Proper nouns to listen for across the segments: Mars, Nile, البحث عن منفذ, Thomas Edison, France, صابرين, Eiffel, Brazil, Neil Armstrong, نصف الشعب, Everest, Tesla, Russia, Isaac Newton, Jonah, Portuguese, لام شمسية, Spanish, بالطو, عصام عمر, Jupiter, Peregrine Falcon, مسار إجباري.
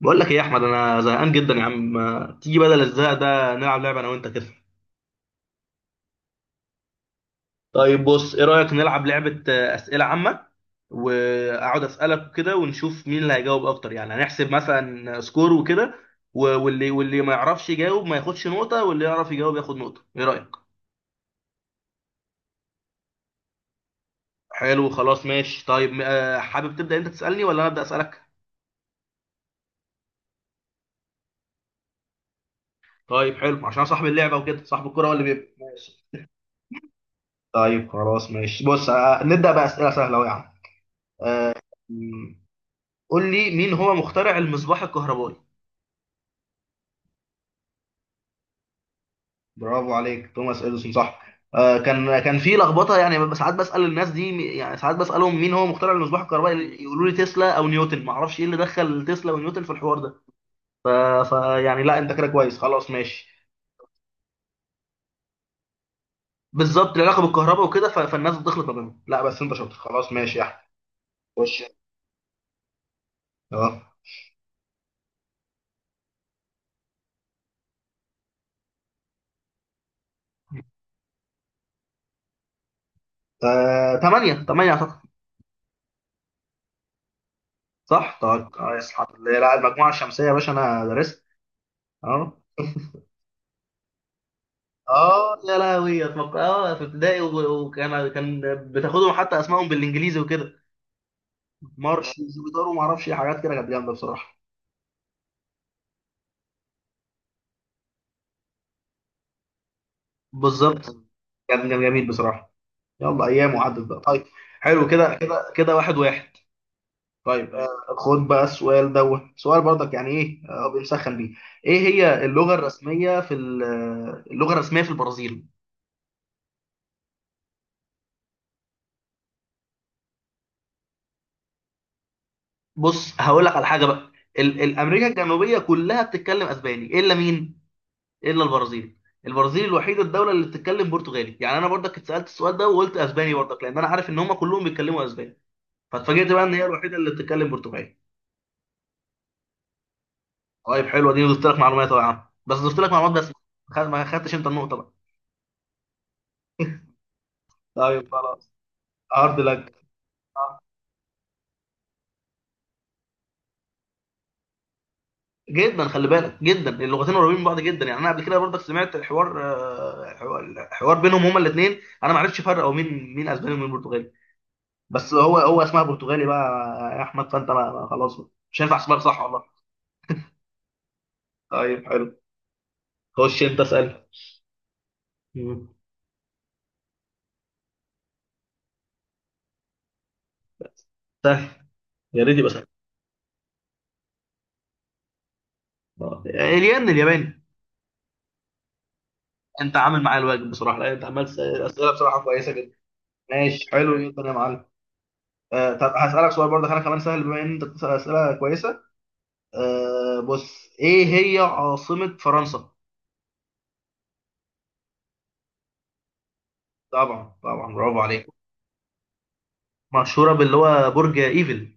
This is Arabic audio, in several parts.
بقول لك ايه يا احمد، انا زهقان جدا يا عم. ما تيجي بدل الزهق ده نلعب لعبه انا وانت كده؟ طيب بص، ايه رايك نلعب لعبه، اسئله عامه. واقعد اسالك كده ونشوف مين اللي هيجاوب اكتر، يعني هنحسب مثلا سكور وكده. واللي ما يعرفش يجاوب ما ياخدش نقطه، واللي يعرف يجاوب ياخد نقطه. ايه رايك؟ حلو خلاص ماشي. طيب حابب تبدا انت تسالني ولا انا ابدا اسالك؟ طيب حلو، عشان صاحب اللعبه وكده، صاحب الكره هو اللي بيبدا. ماشي. طيب خلاص ماشي، بص، نبدا بقى اسئله سهله أهو يا عم. آه، قول لي مين هو مخترع المصباح الكهربائي؟ برافو عليك، توماس اديسون صح. كان في لخبطه يعني، ببقى ساعات بسال الناس دي، يعني ساعات بسالهم مين هو مخترع المصباح الكهربائي يقولوا لي تسلا او نيوتن. ما اعرفش ايه اللي دخل تسلا ونيوتن في الحوار ده. فيعني لا، انت كده كويس، خلاص ماشي. بالظبط، العلاقه بالكهرباء وكده، فالناس بتخلط ما بينهم. لا بس انت شاطر، خلاص ماشي يا احمد. خش. اه 8 8 اعتقد. صح طيب كويس، الحمد لله. لا المجموعه الشمسيه يا باشا انا درست. اه اه يا لهوي، اتوقع في ابتدائي، وكان بتاخدهم حتى اسمائهم بالانجليزي وكده. مارش زوبيتار وما اعرفش إيه، حاجات كده كانت جامده بصراحه. بالظبط. كان جميل بصراحه. يلا، ايام وعدت بقى. طيب حلو كده كده كده، واحد واحد. طيب، خد بقى السؤال دوت، سؤال برضك يعني ايه، بنسخن بيه. ايه هي اللغه الرسميه في البرازيل؟ بص هقول لك على حاجه بقى. الامريكا الجنوبيه كلها بتتكلم اسباني، الا مين؟ الا البرازيل. البرازيل الوحيده الدوله اللي بتتكلم برتغالي. يعني انا برضك اتسالت السؤال ده وقلت اسباني برضك، لان انا عارف ان هم كلهم بيتكلموا اسباني. فاتفاجئت بقى ان هي الوحيده اللي بتتكلم برتغالي. طيب حلوه دي، ضفت لك معلومات يا عم. بس ضفت لك معلومات بس، ما خدتش انت النقطه بقى. طيب خلاص. هارد لك. آه. جدا خلي بالك، جدا اللغتين قريبين من بعض جدا. يعني انا قبل كده برضك سمعت حوار آه، حوار حوار بينهم هما الاثنين، انا ما عرفتش افرق هو مين مين اسباني ومين برتغالي. بس هو اسمها برتغالي بقى يا احمد، فانت خلاص، مش هينفع اسمها صح والله. طيب حلو. خش انت اسال. مم. سهل. يا ريت يبقى سهل. الين الياباني. انت عامل معايا الواجب بصراحه، لان انت عمال تسال اسئله بصراحه كويسه جدا. ماشي حلو جدا يا معلم. طب هسالك سؤال برضه انا كمان سهل، بما ان انت بتسال اسئله كويسه. بص، ايه هي عاصمه فرنسا؟ طبعا طبعا، برافو عليك. مشهوره باللي هو برج ايفل.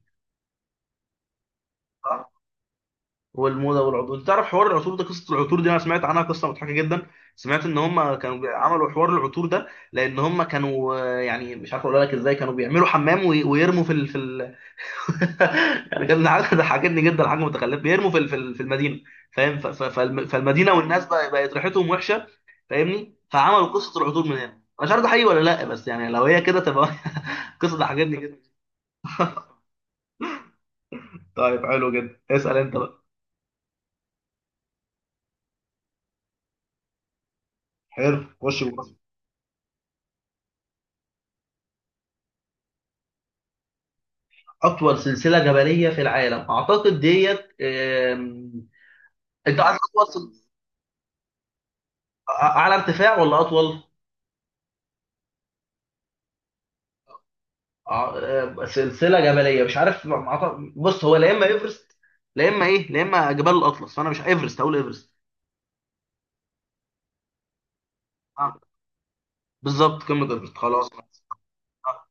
والموزه والعطور. انت تعرف حوار العطور ده، قصه العطور دي انا سمعت عنها قصه مضحكه جدا. سمعت ان هم كانوا عملوا حوار العطور ده، لان هم كانوا يعني مش عارف اقول لك ازاي، كانوا بيعملوا حمام ويرموا يعني كان حاجه ضحكتني جدا، حاجه متخلفه، بيرموا في المدينه. فاهم، فالمدينه، والناس بقى بقت ريحتهم وحشه، فاهمني، فعملوا قصه العطور من هنا. أنا مش عارف ده حقيقي ولا لا، بس يعني لو هي كده تبقى. قصه ضحكتني جدا. طيب حلو جدا. اسال انت بقى. حلو، خش بقى. اطول سلسله جبليه في العالم، اعتقد ديت. انت عايز اعلى ارتفاع ولا اطول؟ سلسله جبليه مش عارف، ما- ما أعتقد- بص، هو لا اما ايفرست، لا اما جبال الاطلس. فانا مش ايفرست اقول ايفرست. آه، بالظبط قمه ايفرست، خلاص. آه،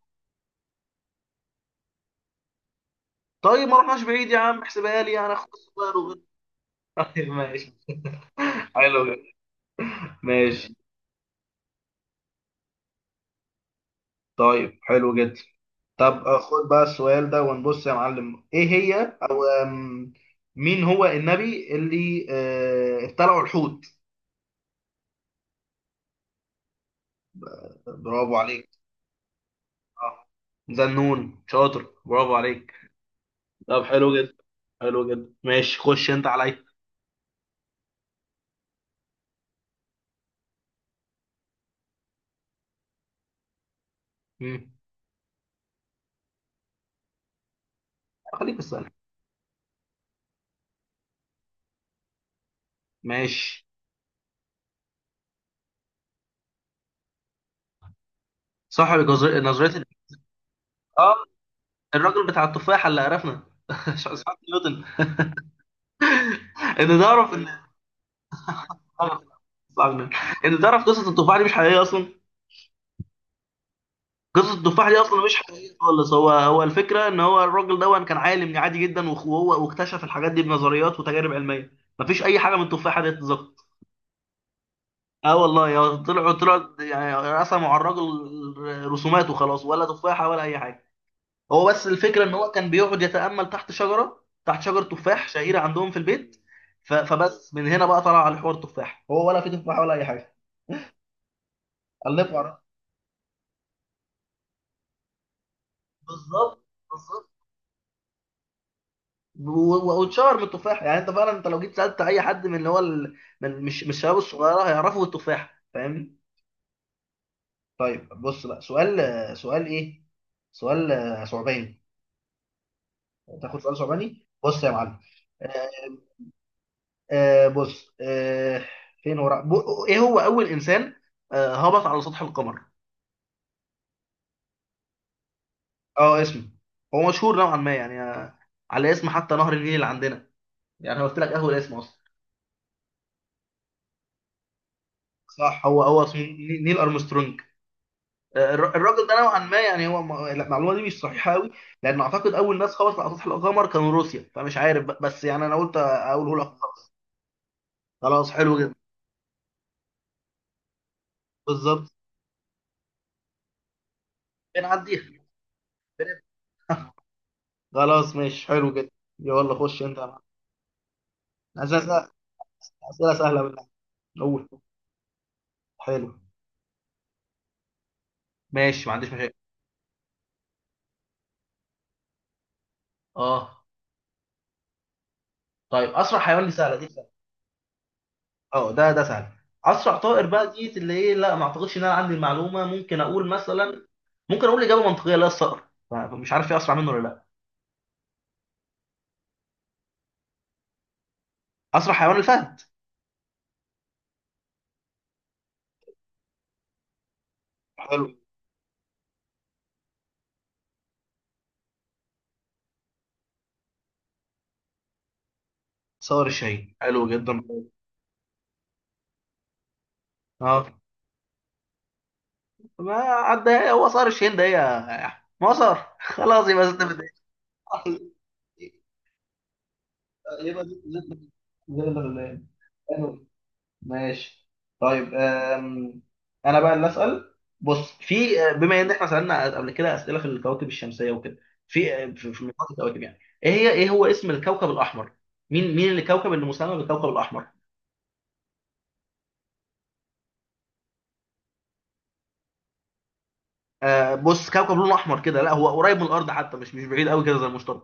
طيب ما رحناش بعيد يا عم، احسبها لي انا، اخد الصغير طيب ماشي حلو جدا ماشي. طيب حلو جدا. طب خد بقى السؤال ده ونبص يا معلم، ايه هي او آم، مين هو النبي اللي ابتلعه الحوت؟ برافو عليك. اه، ذنون، شاطر، برافو عليك. طب حلو جدا. حلو جدا ماشي، خش انت عليا. مم. خليك في السؤال. ماشي. صاحب نظرية اه الراجل بتاع التفاحة اللي عرفنا، اسحاق نيوتن. ان تعرف ان، آه، إسحاق نيوتن. ان تعرف قصة التفاحة دي مش حقيقية اصلا. قصة التفاح دي أصلا مش حقيقية خالص. هو الفكرة، إن هو الراجل ده كان عالم عادي جدا، وهو واكتشف الحاجات دي بنظريات وتجارب علمية. مفيش أي حاجة من التفاحة دي اتظبطت. اه والله، يا طلعوا، يعني رسموا على الراجل رسومات وخلاص، ولا تفاحة ولا أي حاجة. هو بس الفكرة إن هو كان بيقعد يتأمل تحت شجرة تفاح شهيرة عندهم في البيت. فبس من هنا بقى طلع على حوار التفاح، هو ولا في تفاحة ولا أي حاجة. ألفوا على. بالظبط بالظبط. واتشهر بالتفاح. يعني انت فعلا، انت لو جيت سالت اي حد من اللي هو من مش الشباب الصغيره هيعرفوا التفاح، فاهمني. طيب بص بقى، سؤال ايه، سؤال ثعباني. تاخد سؤال ثعباني، بص يا معلم. آه بص، فين هو رأ- بو- ايه هو اول انسان هبط على سطح القمر؟ اه، اسمه، هو مشهور نوعا ما يعني. على اسم حتى نهر النيل اللي عندنا، يعني أنا قلت لك اول اسم اصلا. صح، هو اسمه نيل ارمسترونج. الراجل ده نوعا ما يعني، هو لا، المعلومه دي مش صحيحه قوي، لان اعتقد اول ناس خبطت على سطح القمر كانوا روسيا، فمش عارف بقى، بس يعني انا قلت اقوله لك خلاص. خلاص، حلو جدا. بالظبط. بنعديها. بن- خلاص ماشي حلو جدا. يلا خش انت يا معلم. اسئله اسئله سهله بالله. قول. حلو. ماشي ما عنديش مشاكل. اه طيب، اسرع حيوان دي سهله، دي سهله. اه، ده سهل. اسرع طائر بقى دي اللي ايه، لا ما اعتقدش ان انا عندي المعلومه، ممكن اقول مثلا، ممكن اقول اجابه منطقيه، لا الصقر، فمش عارف ايه اسرع منه ولا لا. اسرع حيوان الفهد. حلو. صقر الشاهين حلو جدا. اه، ما عدى هو صقر الشاهين ده يا، ما صار، خلاص يبقى ست بدقايق. يبقى زي الغلاب. حلو ماشي. طيب. انا بقى اللي اسال. بص، في آه، بما ان احنا سالنا قبل كده اسئله في الكواكب الشمسيه وكده، في آه، في في مجموعة الكواكب، يعني ايه هو اسم الكوكب الاحمر، مين الكوكب اللي مسمى بالكوكب الاحمر؟ بص، كوكب لونه احمر كده، لا هو قريب من الارض حتى، مش بعيد قوي كده زي المشتري.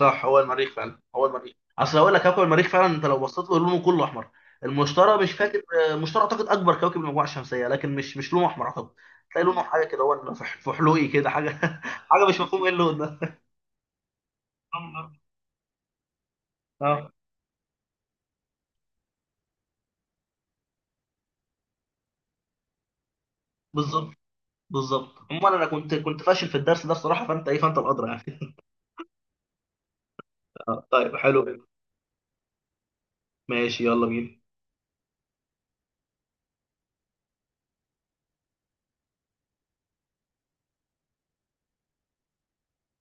صح، هو المريخ فعلا، هو المريخ. اصل هقول لك كوكب المريخ فعلا، انت لو بصيت له لونه كله احمر. المشتري مش فاكر. المشتري اعتقد اكبر كوكب المجموعه الشمسيه، لكن مش لونه احمر اعتقد، تلاقي لونه حاجه كده، هو في فحلوقي كده حاجه. حاجه مش مفهوم ايه اللون ده. اه، بالظبط بالظبط. عموما انا كنت فاشل في الدرس ده بصراحه، فانت الادرى يعني. طيب حلو. ماشي يلا بينا.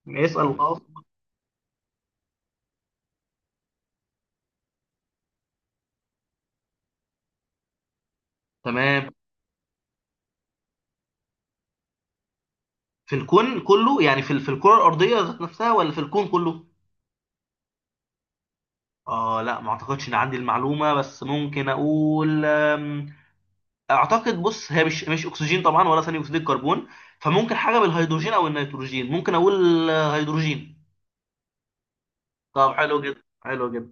اسال وخلاص. تمام. في الكون كله يعني، في الكرة الأرضية ذات نفسها ولا في الكون كله؟ اه لا، ما اعتقدش ان عندي المعلومة، بس ممكن اقول. اعتقد، بص، هي مش اكسجين طبعا ولا ثاني اكسيد الكربون، فممكن حاجة بالهيدروجين او النيتروجين، ممكن اقول هيدروجين. طب حلو جدا حلو جدا.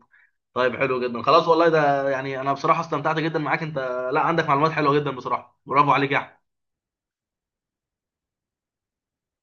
طيب حلو جدا، خلاص والله. ده يعني انا بصراحة استمتعت جدا معاك انت. لا عندك معلومات حلوة جدا بصراحة، برافو عليك يا